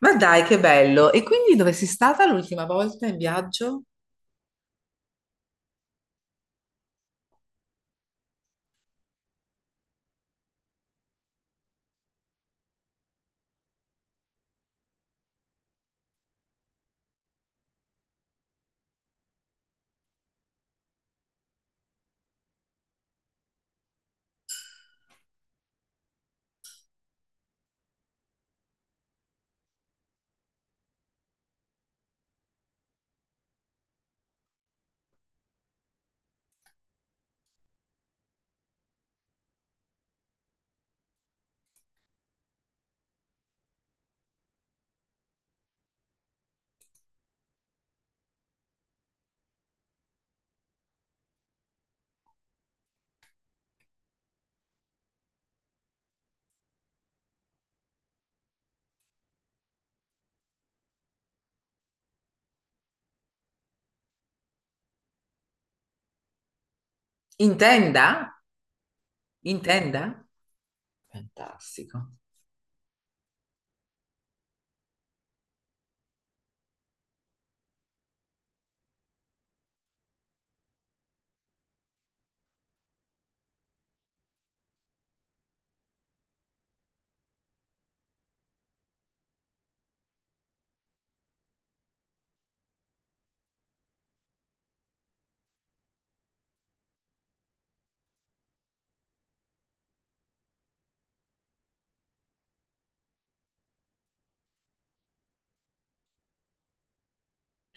Ma dai, che bello! E quindi dove sei stata l'ultima volta in viaggio? In tenda? In tenda? Fantastico.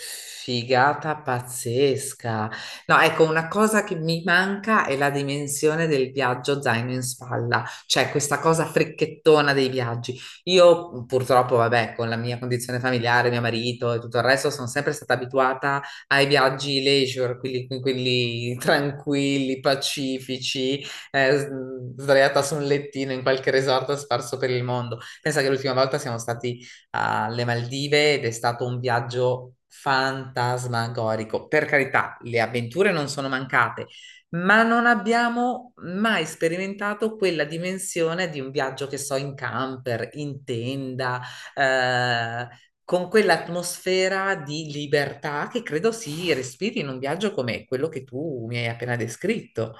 Figata pazzesca. No, ecco, una cosa che mi manca è la dimensione del viaggio zaino in spalla, cioè questa cosa fricchettona dei viaggi. Io purtroppo, vabbè, con la mia condizione familiare, mio marito e tutto il resto, sono sempre stata abituata ai viaggi leisure, quelli tranquilli, pacifici, eh, s- sdraiata su un lettino in qualche resort sparso per il mondo. Pensa che l'ultima volta siamo stati alle Maldive ed è stato un viaggio fantasmagorico. Per carità, le avventure non sono mancate, ma non abbiamo mai sperimentato quella dimensione di un viaggio che so in camper, in tenda, eh, con quell'atmosfera di libertà che credo si respiri in un viaggio come quello che tu mi hai appena descritto.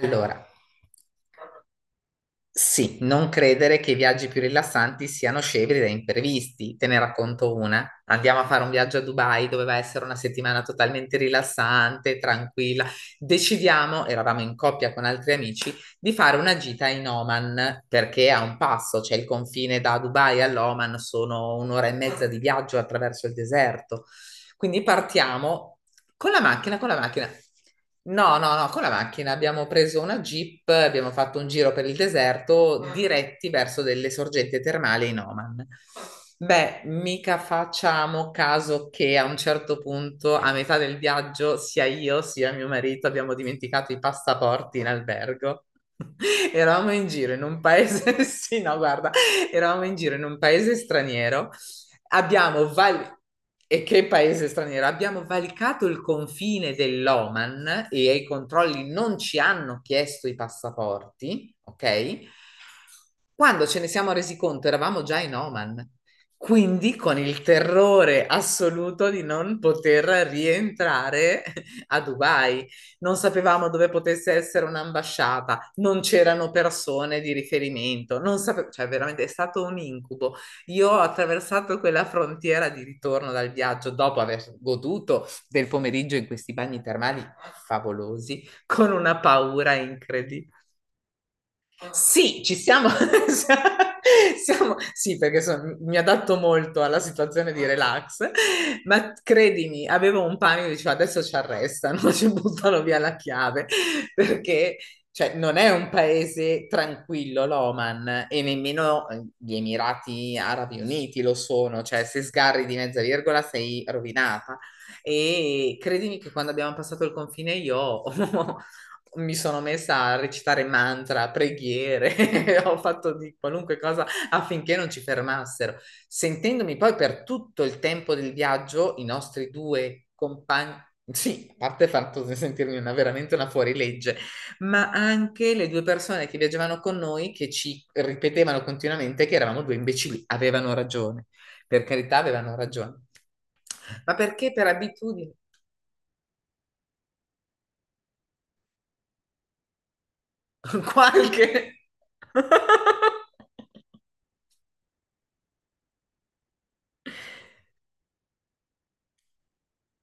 Allora. Sì, non credere che i viaggi più rilassanti siano scevri da imprevisti. Te ne racconto una. Andiamo a fare un viaggio a Dubai, doveva essere una settimana totalmente rilassante, tranquilla. Decidiamo, eravamo in coppia con altri amici, di fare una gita in Oman, perché è a un passo, c'è il confine da Dubai all'Oman, sono un'ora e mezza di viaggio attraverso il deserto. Quindi partiamo. Con la macchina, con la macchina. No, no, no, con la macchina abbiamo preso una Jeep, abbiamo fatto un giro per il deserto diretti verso delle sorgenti termali in Oman. Beh, mica facciamo caso che a un certo punto, a metà del viaggio, sia io sia mio marito abbiamo dimenticato i passaporti in albergo. Eravamo in giro in un paese, sì, no, guarda, eravamo in giro in un paese straniero abbiamo val- e che paese straniero, abbiamo valicato il confine dell'Oman e ai controlli non ci hanno chiesto i passaporti, ok? Quando ce ne siamo resi conto eravamo già in Oman, quindi con il terrore assoluto di non poter rientrare a Dubai. Non sapevamo dove potesse essere un'ambasciata, non c'erano persone di riferimento, non sape- cioè veramente è stato un incubo. Io ho attraversato quella frontiera di ritorno dal viaggio dopo aver goduto del pomeriggio in questi bagni termali favolosi con una paura incredibile. Sì, ci siamo. Sì, mi adatto molto alla situazione di relax, ma credimi, avevo un panico, dicevo adesso ci arrestano, ci buttano via la chiave, perché cioè, non è un paese tranquillo l'Oman e nemmeno gli Emirati Arabi Uniti lo sono, cioè se sgarri di mezza virgola sei rovinata. E credimi che quando abbiamo passato il confine io mi sono messa a recitare mantra, preghiere, ho fatto di qualunque cosa affinché non ci fermassero, sentendomi poi per tutto il tempo del viaggio i nostri due compagni. Sì, a parte il fatto di sentirmi una, veramente una fuorilegge, ma anche le due persone che viaggiavano con noi che ci ripetevano continuamente che eravamo due imbecilli, avevano ragione, per carità avevano ragione. Ma perché per abitudine? Qualche...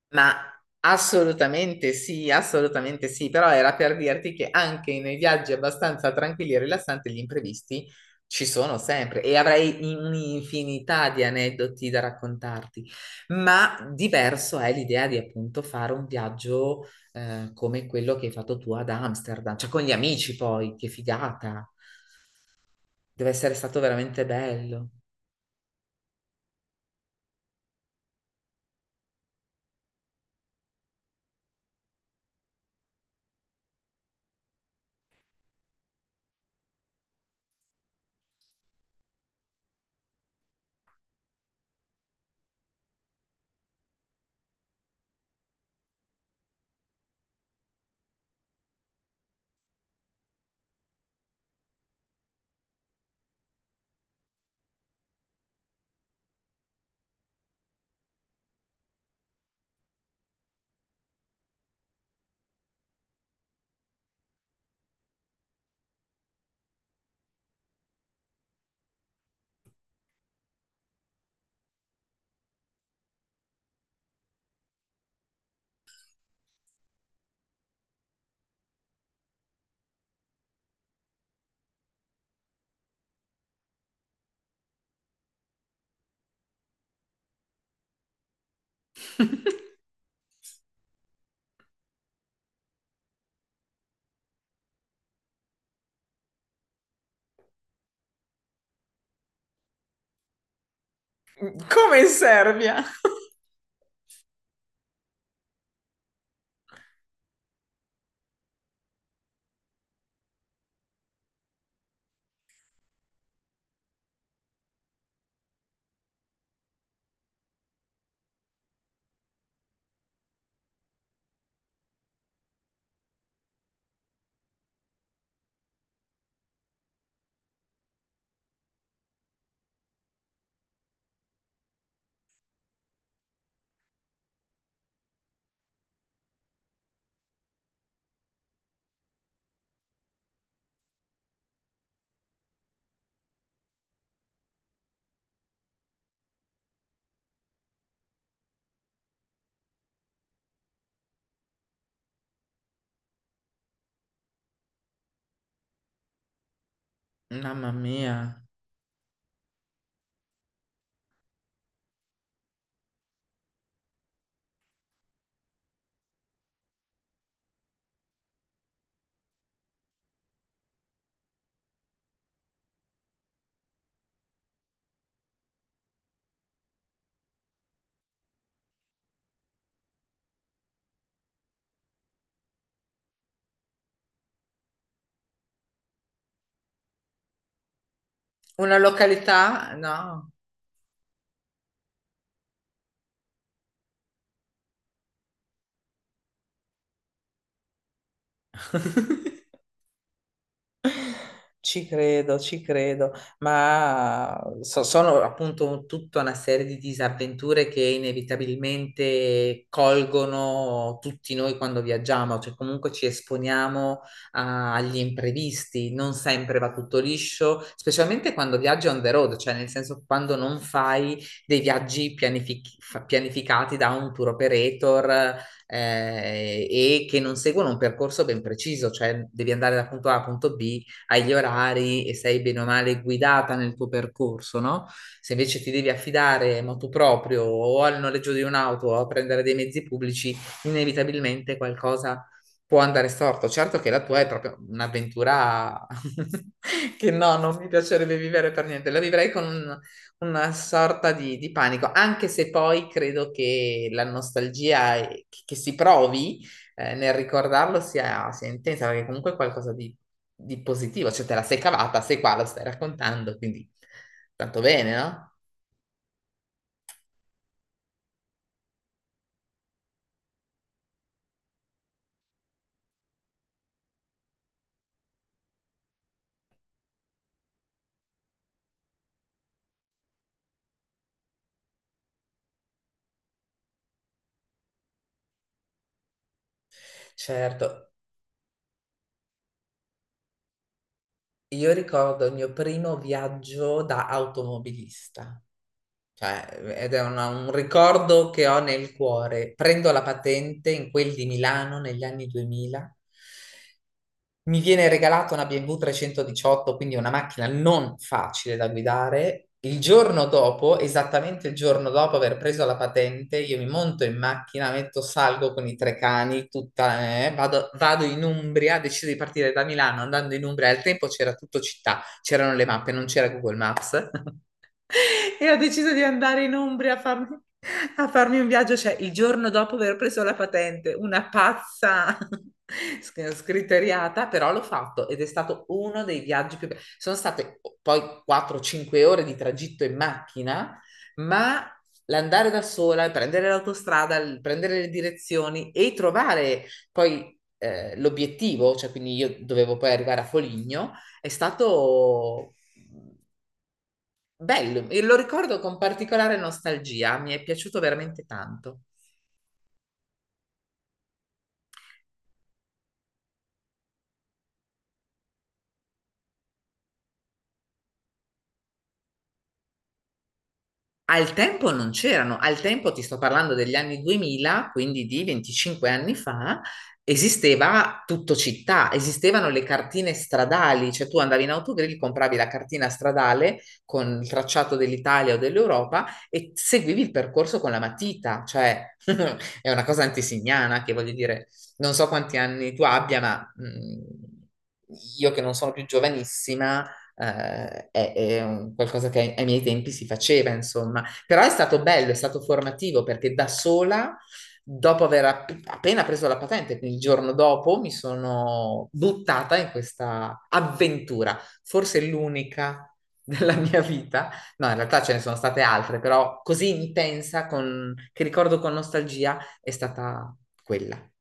Ma assolutamente sì, però era per dirti che anche nei viaggi abbastanza tranquilli e rilassanti gli imprevisti ci sono sempre e avrei un'infinità di aneddoti da raccontarti, ma diverso è l'idea di appunto fare un viaggio come quello che hai fatto tu ad Amsterdam, cioè con gli amici poi, che figata, deve essere stato veramente bello. Come in Serbia? Mamma mia. Una località? No. Ci credo, ma sono appunto tutta una serie di disavventure che inevitabilmente colgono tutti noi quando viaggiamo, cioè comunque ci esponiamo agli imprevisti, non sempre va tutto liscio, specialmente quando viaggi on the road, cioè nel senso quando non fai dei viaggi pianificati da un tour operator e che non seguono un percorso ben preciso, cioè devi andare da punto A a punto B hai gli orari e sei bene o male guidata nel tuo percorso, no? Se invece ti devi affidare motu proprio o al noleggio di un'auto o a prendere dei mezzi pubblici, inevitabilmente qualcosa può andare storto. Certo che la tua è proprio un'avventura che no, non mi piacerebbe vivere per niente. La vivrei con una sorta di panico, anche se poi credo che che si provi nel ricordarlo sia, sia intensa, perché comunque è qualcosa di positivo, cioè te la sei cavata, sei qua, lo stai raccontando, quindi tanto bene, no? Certo, io ricordo il mio primo viaggio da automobilista, un ricordo che ho nel cuore. Prendo la patente in quel di Milano negli anni 2000. Mi viene regalata una BMW 318, quindi una macchina non facile da guidare. Il giorno dopo, esattamente il giorno dopo aver preso la patente, io mi monto in macchina, metto salgo con i tre cani, tutta, vado in Umbria, decido di partire da Milano andando in Umbria. Al tempo c'era tutto città, c'erano le mappe, non c'era Google Maps. E ho deciso di andare in Umbria a farmi un viaggio, cioè il giorno dopo aver preso la patente, una pazza scriteriata, però l'ho fatto ed è stato uno dei viaggi più belli. Sono state poi 4-5 ore di tragitto in macchina, ma l'andare da sola, il prendere l'autostrada, il prendere le direzioni e trovare poi l'obiettivo, cioè quindi io dovevo poi arrivare a Foligno, è stato bello, e lo ricordo con particolare nostalgia, mi è piaciuto veramente tanto. Al tempo non c'erano, al tempo ti sto parlando degli anni 2000, quindi di 25 anni fa, esisteva tutto città, esistevano le cartine stradali, cioè tu andavi in autogrill, compravi la cartina stradale con il tracciato dell'Italia o dell'Europa e seguivi il percorso con la matita, cioè è una cosa antesignana che voglio dire, non so quanti anni tu abbia, ma io che non sono più giovanissima è un qualcosa che ai miei tempi si faceva, insomma. Però è stato bello, è stato formativo perché da sola, dopo aver appena preso la patente, quindi il giorno dopo, mi sono buttata in questa avventura, forse l'unica della mia vita. No, in realtà ce ne sono state altre, però così intensa, che ricordo con nostalgia, è stata quella.